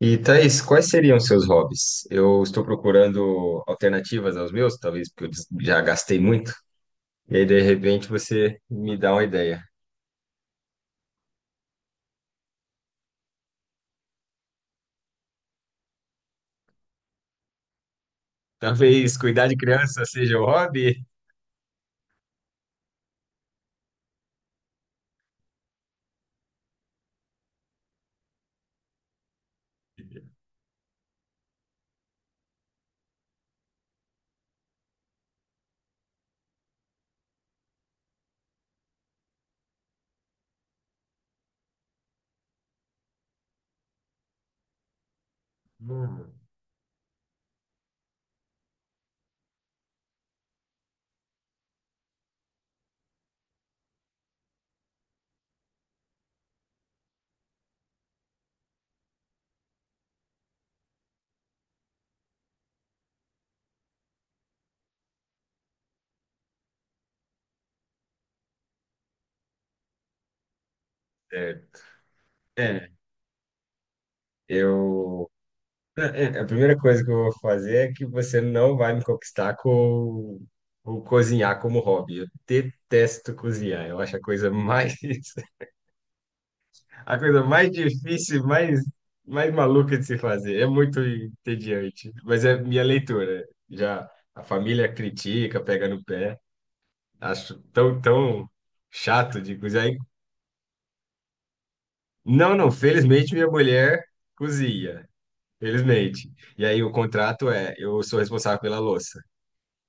E Thaís, quais seriam seus hobbies? Eu estou procurando alternativas aos meus, talvez porque já gastei muito. E aí, de repente, você me dá uma ideia. Talvez cuidar de criança seja o hobby? Hum, certo. É, eu. é, A primeira coisa que eu vou fazer é que você não vai me conquistar com o cozinhar como hobby. Eu detesto cozinhar, eu acho a coisa mais A coisa mais difícil, mais maluca de se fazer. É muito entediante. Mas é minha leitura. Já a família critica, pega no pé. Acho tão chato de cozinhar. Não, não. Felizmente, minha mulher cozinha. Felizmente. E aí o contrato é, eu sou responsável pela louça.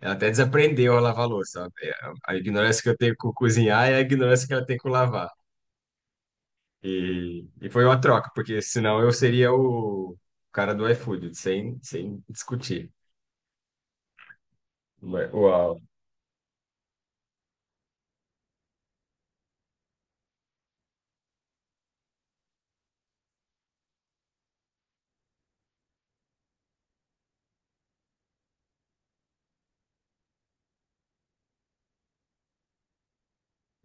Ela até desaprendeu a lavar louça. A ignorância que eu tenho com cozinhar é a ignorância que ela tem com lavar. E foi uma troca, porque senão eu seria o cara do iFood, sem discutir. Mas, uau.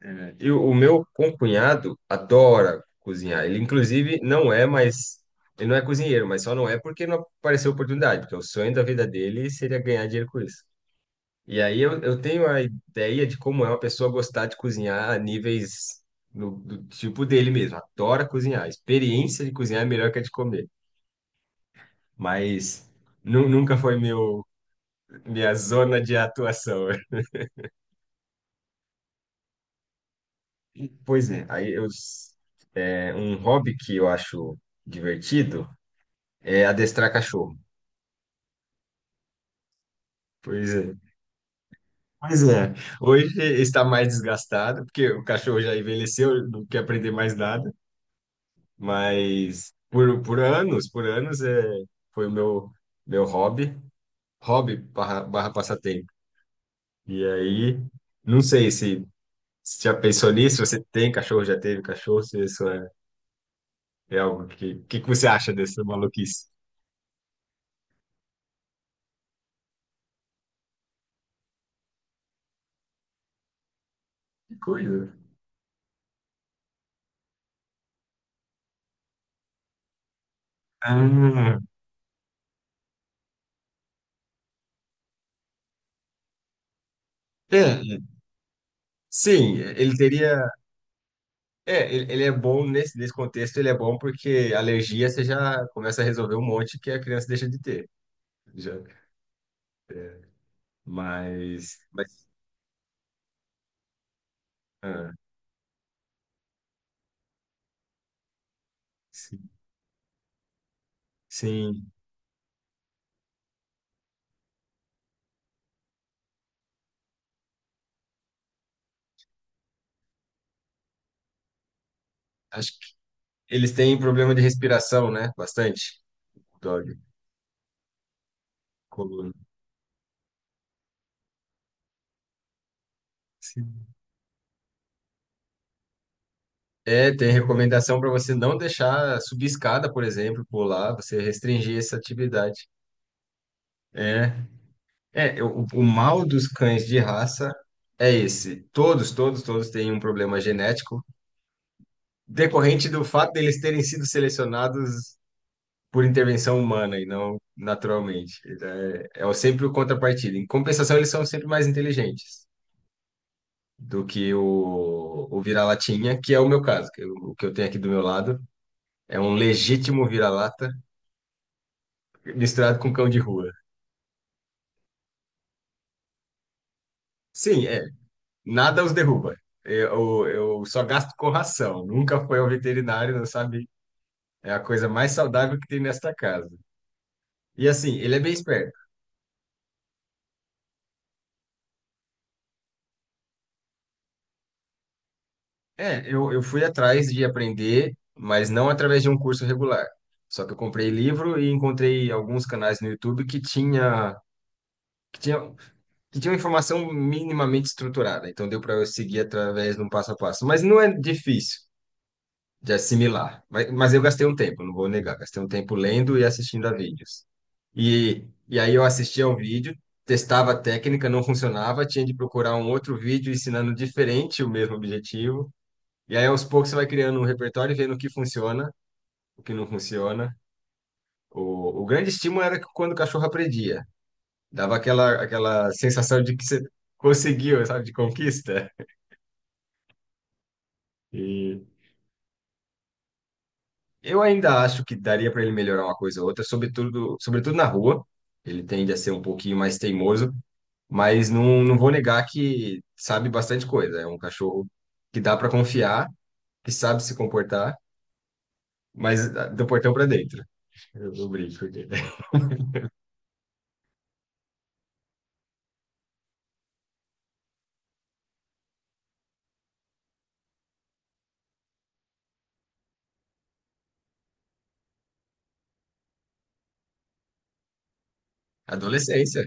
É. E o meu concunhado adora cozinhar. Ele, inclusive, não é mais. Ele não é cozinheiro, mas só não é porque não apareceu oportunidade, porque o sonho da vida dele seria ganhar dinheiro com isso. E aí eu tenho a ideia de como é uma pessoa gostar de cozinhar a níveis no, do tipo dele mesmo. Adora cozinhar. A experiência de cozinhar é melhor que a de comer. Mas. Nunca foi meu, minha zona de atuação. Pois é, um hobby que eu acho divertido é adestrar cachorro. Pois é. Pois é. Hoje está mais desgastado, porque o cachorro já envelheceu, não quer aprender mais nada, mas por anos, é, foi o meu hobby, hobby barra, barra passatempo. E aí, não sei se já pensou nisso, se você tem cachorro, já teve cachorro, se isso é algo que que você acha dessa maluquice? Que coisa. Ah, é, sim, ele teria. É, ele é bom nesse contexto, ele é bom porque alergia você já começa a resolver um monte que a criança deixa de ter. Já. Mas ah, sim, sim. Acho que eles têm problema de respiração, né? Bastante. Dog, coluna. Sim. É, tem recomendação para você não deixar subir escada, por exemplo, pular, você restringir essa atividade. É. É, o mal dos cães de raça é esse. Todos têm um problema genético decorrente do fato deles terem sido selecionados por intervenção humana e não naturalmente. Então, é sempre o contrapartida. Em compensação, eles são sempre mais inteligentes do que o vira-latinha, que é o meu caso, o que eu tenho aqui do meu lado é um legítimo vira-lata misturado com cão de rua. Sim, é, nada os derruba. Eu só gasto com ração. Nunca foi ao veterinário, não sabe? É a coisa mais saudável que tem nesta casa. E assim, ele é bem esperto. É, eu fui atrás de aprender, mas não através de um curso regular. Só que eu comprei livro e encontrei alguns canais no YouTube que tinha, que tinha informação minimamente estruturada. Então deu para eu seguir através de um passo a passo. Mas não é difícil de assimilar. Mas eu gastei um tempo, não vou negar, gastei um tempo lendo e assistindo a vídeos. E aí eu assistia um vídeo, testava a técnica, não funcionava, tinha de procurar um outro vídeo ensinando diferente o mesmo objetivo. E aí aos poucos você vai criando um repertório e vendo o que funciona, o que não funciona. O grande estímulo era que quando o cachorro aprendia, dava aquela sensação de que você conseguiu, sabe, de conquista. Eu ainda acho que daria para ele melhorar uma coisa ou outra, sobretudo na rua. Ele tende a ser um pouquinho mais teimoso, mas não vou negar que sabe bastante coisa. É um cachorro que dá para confiar, que sabe se comportar, mas ah, do portão para dentro. Eu brinco porque- Adolescência.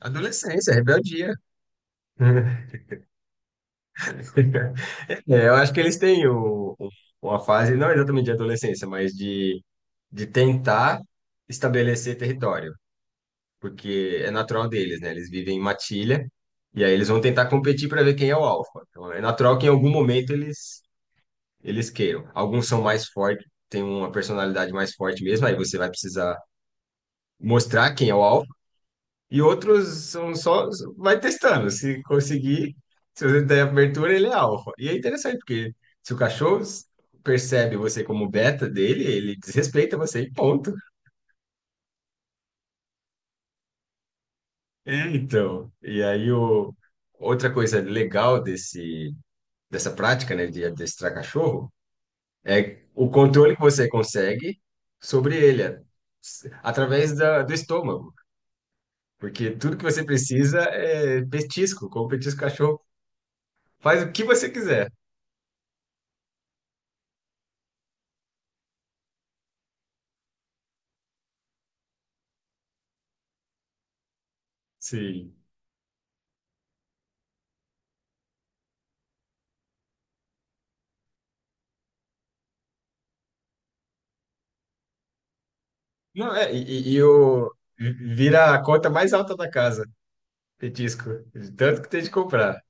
Adolescência, rebeldia. É, eu acho que eles têm uma fase, não exatamente de adolescência, mas de tentar estabelecer território, porque é natural deles, né? Eles vivem em matilha e aí eles vão tentar competir para ver quem é o alfa. Então é natural que em algum momento eles queiram. Alguns são mais fortes, têm uma personalidade mais forte mesmo, aí você vai precisar mostrar quem é o alfa. E outros são só vai testando, se conseguir, se você der abertura, ele é alfa. E é interessante porque se o cachorro percebe você como beta dele, ele desrespeita você e ponto. É, então. E aí o outra coisa legal desse dessa prática, né, de adestrar cachorro, é o controle que você consegue sobre ele, é, através do estômago. Porque tudo que você precisa é petisco, como petisco cachorro. Faz o que você quiser. Sim. Não, e vira a conta mais alta da casa, petisco. De Tanto que tem de comprar.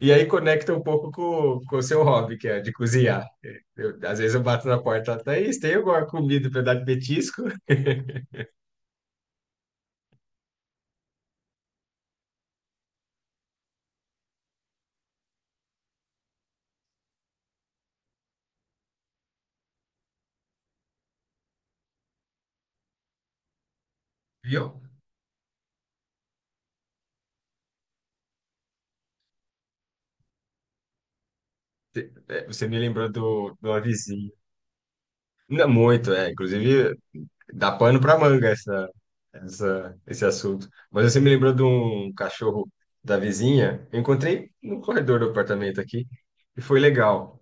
E aí conecta um pouco com o seu hobby, que é de cozinhar. Às vezes eu bato na porta, Thaís, tem alguma comida para dar de petisco? E eu É, você me lembrou do avizinho. Não muito, é. Inclusive, dá pano pra manga esse assunto. Mas você me lembrou de um cachorro da vizinha. Eu encontrei no corredor do apartamento aqui e foi legal.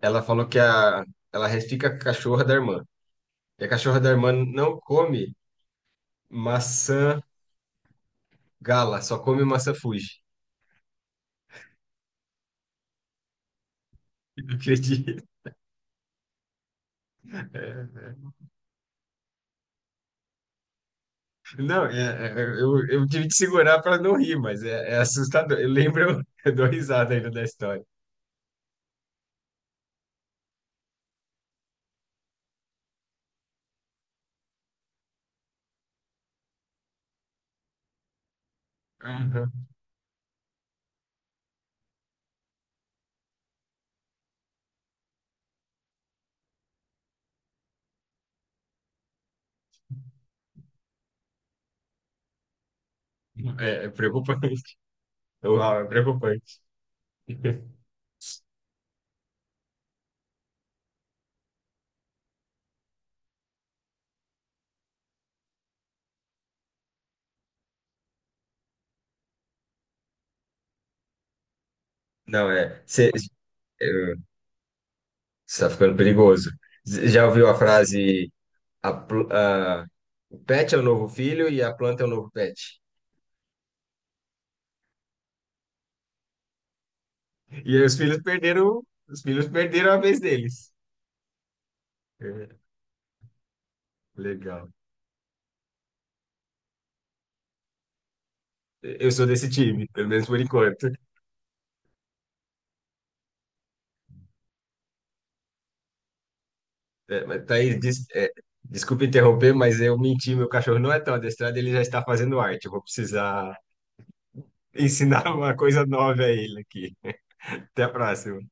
Ela falou ela restica a cachorra da irmã. E a cachorra da irmã não come maçã gala, só come maçã Fuji. Acredito. É. Não, é, eu tive que segurar para não rir, mas é, é assustador. Eu lembro, eu dou risada ainda da história. Aham. É, é preocupante. Uau, é preocupante. Não, é. Você está ficando perigoso. Cê já ouviu a frase: a, pl- a- o pet é o novo filho e a planta é o novo pet? E aí os filhos perderam a vez deles. É, legal. Eu sou desse time, pelo menos por enquanto. É, mas, Thaís, desculpa interromper, mas eu menti. Meu cachorro não é tão adestrado, ele já está fazendo arte. Eu vou precisar ensinar uma coisa nova a ele aqui. Até a próxima.